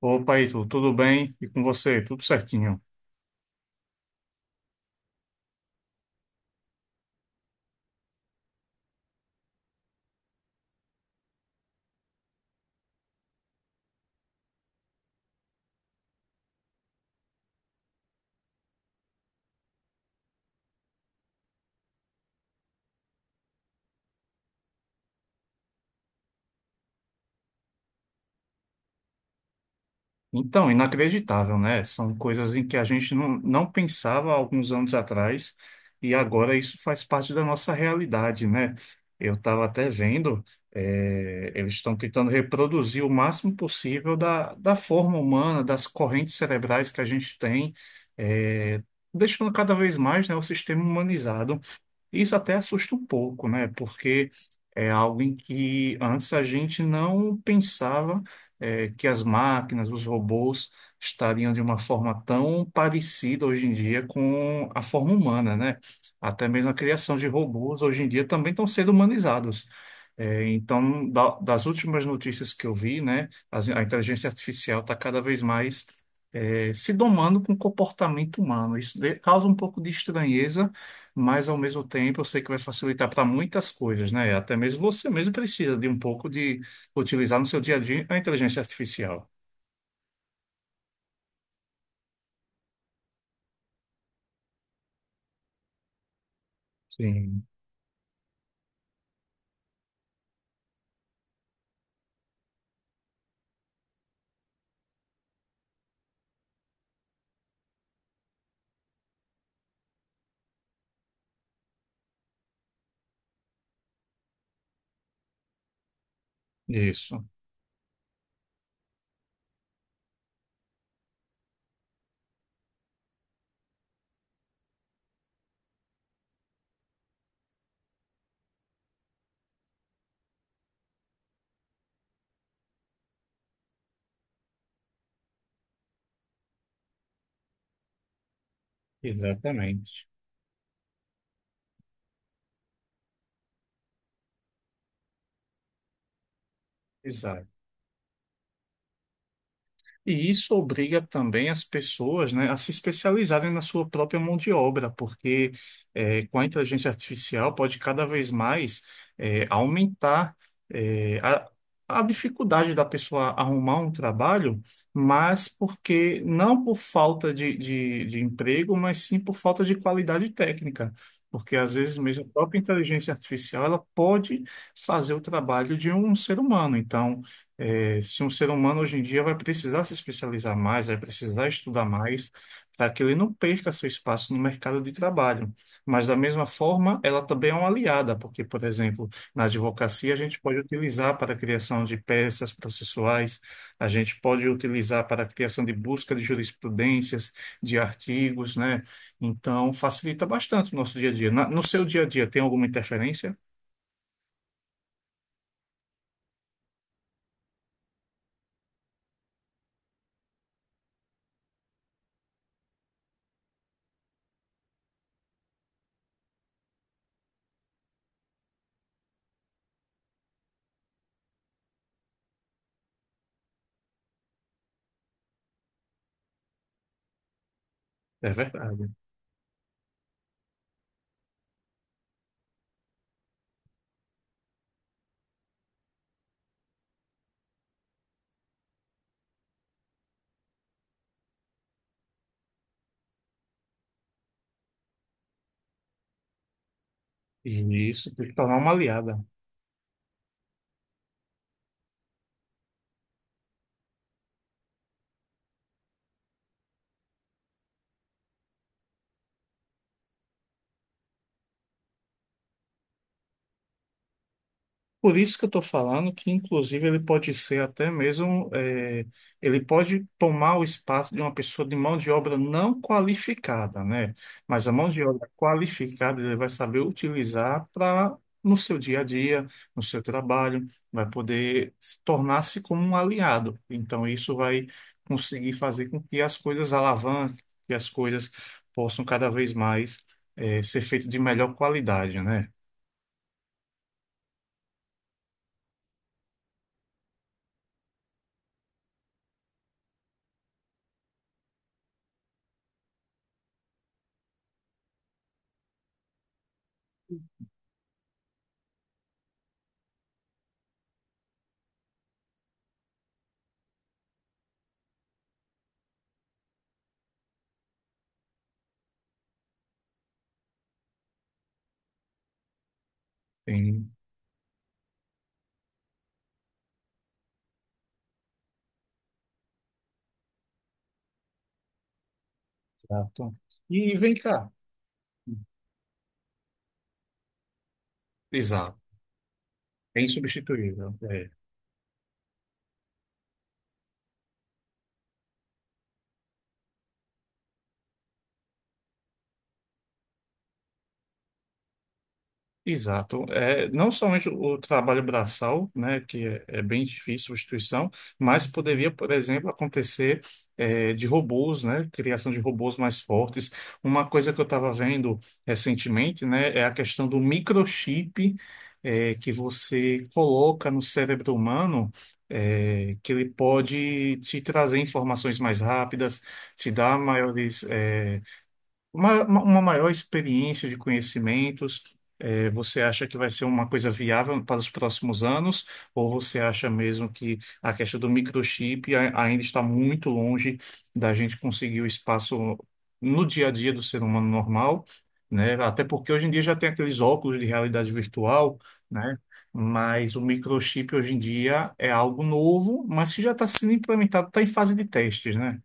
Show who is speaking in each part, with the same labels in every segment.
Speaker 1: Opa, Ítalo, tudo bem? E com você? Tudo certinho? Então, inacreditável, né? São coisas em que a gente não pensava há alguns anos atrás e agora isso faz parte da nossa realidade, né? Eu estava até vendo, eles estão tentando reproduzir o máximo possível da forma humana, das correntes cerebrais que a gente tem, eh, deixando cada vez mais, né, o sistema humanizado. Isso até assusta um pouco, né? Porque é algo em que antes a gente não pensava que as máquinas, os robôs estariam de uma forma tão parecida hoje em dia com a forma humana, né? Até mesmo a criação de robôs hoje em dia também estão sendo humanizados. É, então, das últimas notícias que eu vi, né, a inteligência artificial está cada vez mais se domando com o comportamento humano. Isso causa um pouco de estranheza, mas ao mesmo tempo eu sei que vai facilitar para muitas coisas, né? Até mesmo você mesmo precisa de um pouco de utilizar no seu dia a dia a inteligência artificial. Sim, isso, exatamente. Exato. E isso obriga também as pessoas, né, a se especializarem na sua própria mão de obra, porque com a inteligência artificial pode cada vez mais aumentar eh, a, a dificuldade da pessoa arrumar um trabalho, mas porque não por falta de emprego, mas sim por falta de qualidade técnica. Porque às vezes mesmo a própria inteligência artificial ela pode fazer o trabalho de um ser humano. Então, é, se um ser humano hoje em dia vai precisar se especializar mais, vai precisar estudar mais, para que ele não perca seu espaço no mercado de trabalho. Mas, da mesma forma, ela também é uma aliada, porque, por exemplo, na advocacia, a gente pode utilizar para a criação de peças processuais, a gente pode utilizar para a criação de busca de jurisprudências, de artigos, né? Então, facilita bastante o nosso dia a dia. No seu dia a dia, tem alguma interferência? É verdade. E isso tem que tornar uma aliada. Por isso que eu estou falando que, inclusive, ele pode ser até mesmo, ele pode tomar o espaço de uma pessoa de mão de obra não qualificada, né? Mas a mão de obra qualificada ele vai saber utilizar para no seu dia a dia, no seu trabalho, vai poder se tornar-se como um aliado. Então, isso vai conseguir fazer com que as coisas alavanquem, que as coisas possam cada vez mais, ser feitas de melhor qualidade, né? Tem- Exato. E vem cá. Exato. É insubstituível. É. Exato. É, não somente o trabalho braçal, né, que é bem difícil substituição, mas poderia, por exemplo, acontecer é, de robôs, né, criação de robôs mais fortes. Uma coisa que eu estava vendo recentemente, né, é a questão do microchip é, que você coloca no cérebro humano, é, que ele pode te trazer informações mais rápidas, te dar maiores, é, uma maior experiência de conhecimentos. É, você acha que vai ser uma coisa viável para os próximos anos, ou você acha mesmo que a questão do microchip ainda está muito longe da gente conseguir o espaço no dia a dia do ser humano normal, né? Até porque hoje em dia já tem aqueles óculos de realidade virtual, né? Mas o microchip hoje em dia é algo novo, mas que já está sendo implementado, está em fase de testes, né?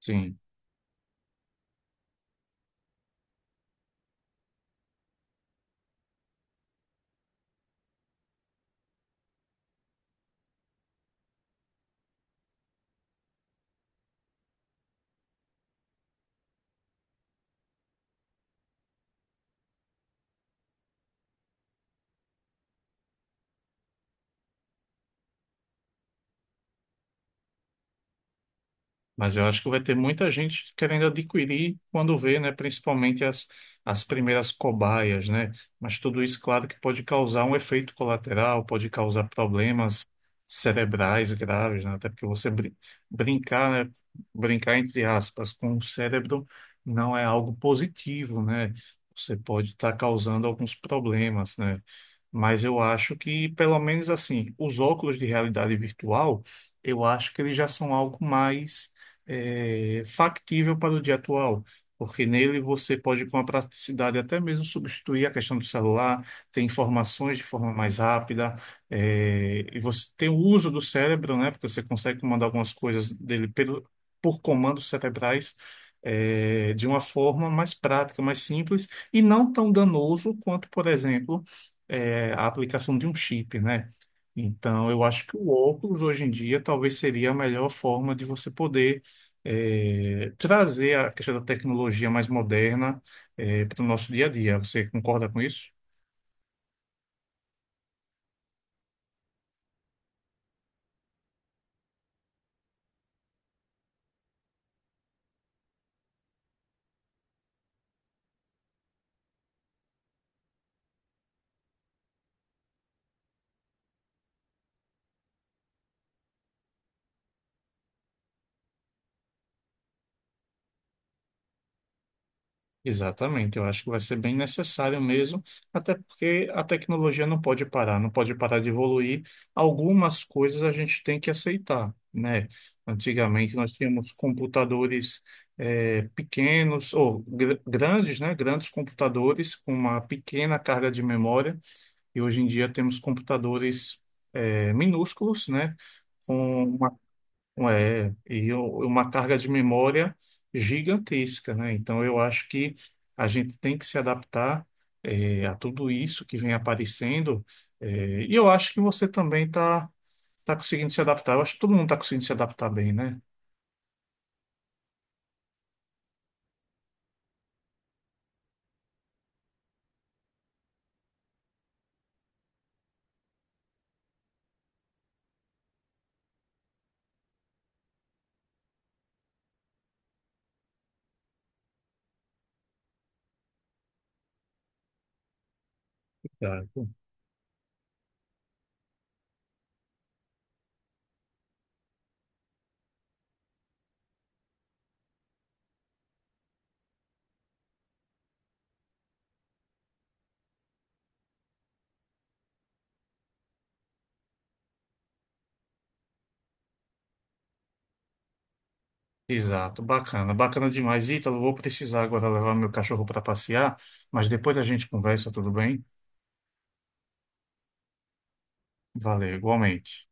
Speaker 1: Sim. Mas eu acho que vai ter muita gente querendo adquirir quando vê, né, principalmente as primeiras cobaias, né? Mas tudo isso, claro, que pode causar um efeito colateral, pode causar problemas cerebrais graves, né? Até porque você brincar, né, brincar entre aspas com o cérebro não é algo positivo, né? Você pode estar causando alguns problemas, né? Mas eu acho que, pelo menos assim, os óculos de realidade virtual, eu acho que eles já são algo mais é, factível para o dia atual, porque nele você pode, com a praticidade, até mesmo substituir a questão do celular, ter informações de forma mais rápida, é, e você tem o uso do cérebro, né? Porque você consegue comandar algumas coisas dele pelo, por comandos cerebrais. É, de uma forma mais prática, mais simples e não tão danoso quanto, por exemplo, é, a aplicação de um chip, né? Então, eu acho que o óculos hoje em dia talvez seria a melhor forma de você poder trazer a questão da tecnologia mais moderna, para o nosso dia a dia. Você concorda com isso? Exatamente, eu acho que vai ser bem necessário mesmo, até porque a tecnologia não pode parar, não pode parar de evoluir. Algumas coisas a gente tem que aceitar, né? Antigamente nós tínhamos computadores pequenos, ou grandes, né? Grandes computadores com uma pequena carga de memória. E hoje em dia temos computadores é, minúsculos, né? Com uma, um, uma carga de memória gigantesca, né? Então eu acho que a gente tem que se adaptar é, a tudo isso que vem aparecendo. É, e eu acho que você também está tá tá conseguindo se adaptar. Eu acho que todo mundo está conseguindo se adaptar bem, né? Exato. Exato, bacana, bacana demais. Ítalo, vou precisar agora levar meu cachorro para passear, mas depois a gente conversa, tudo bem? Valeu, igualmente.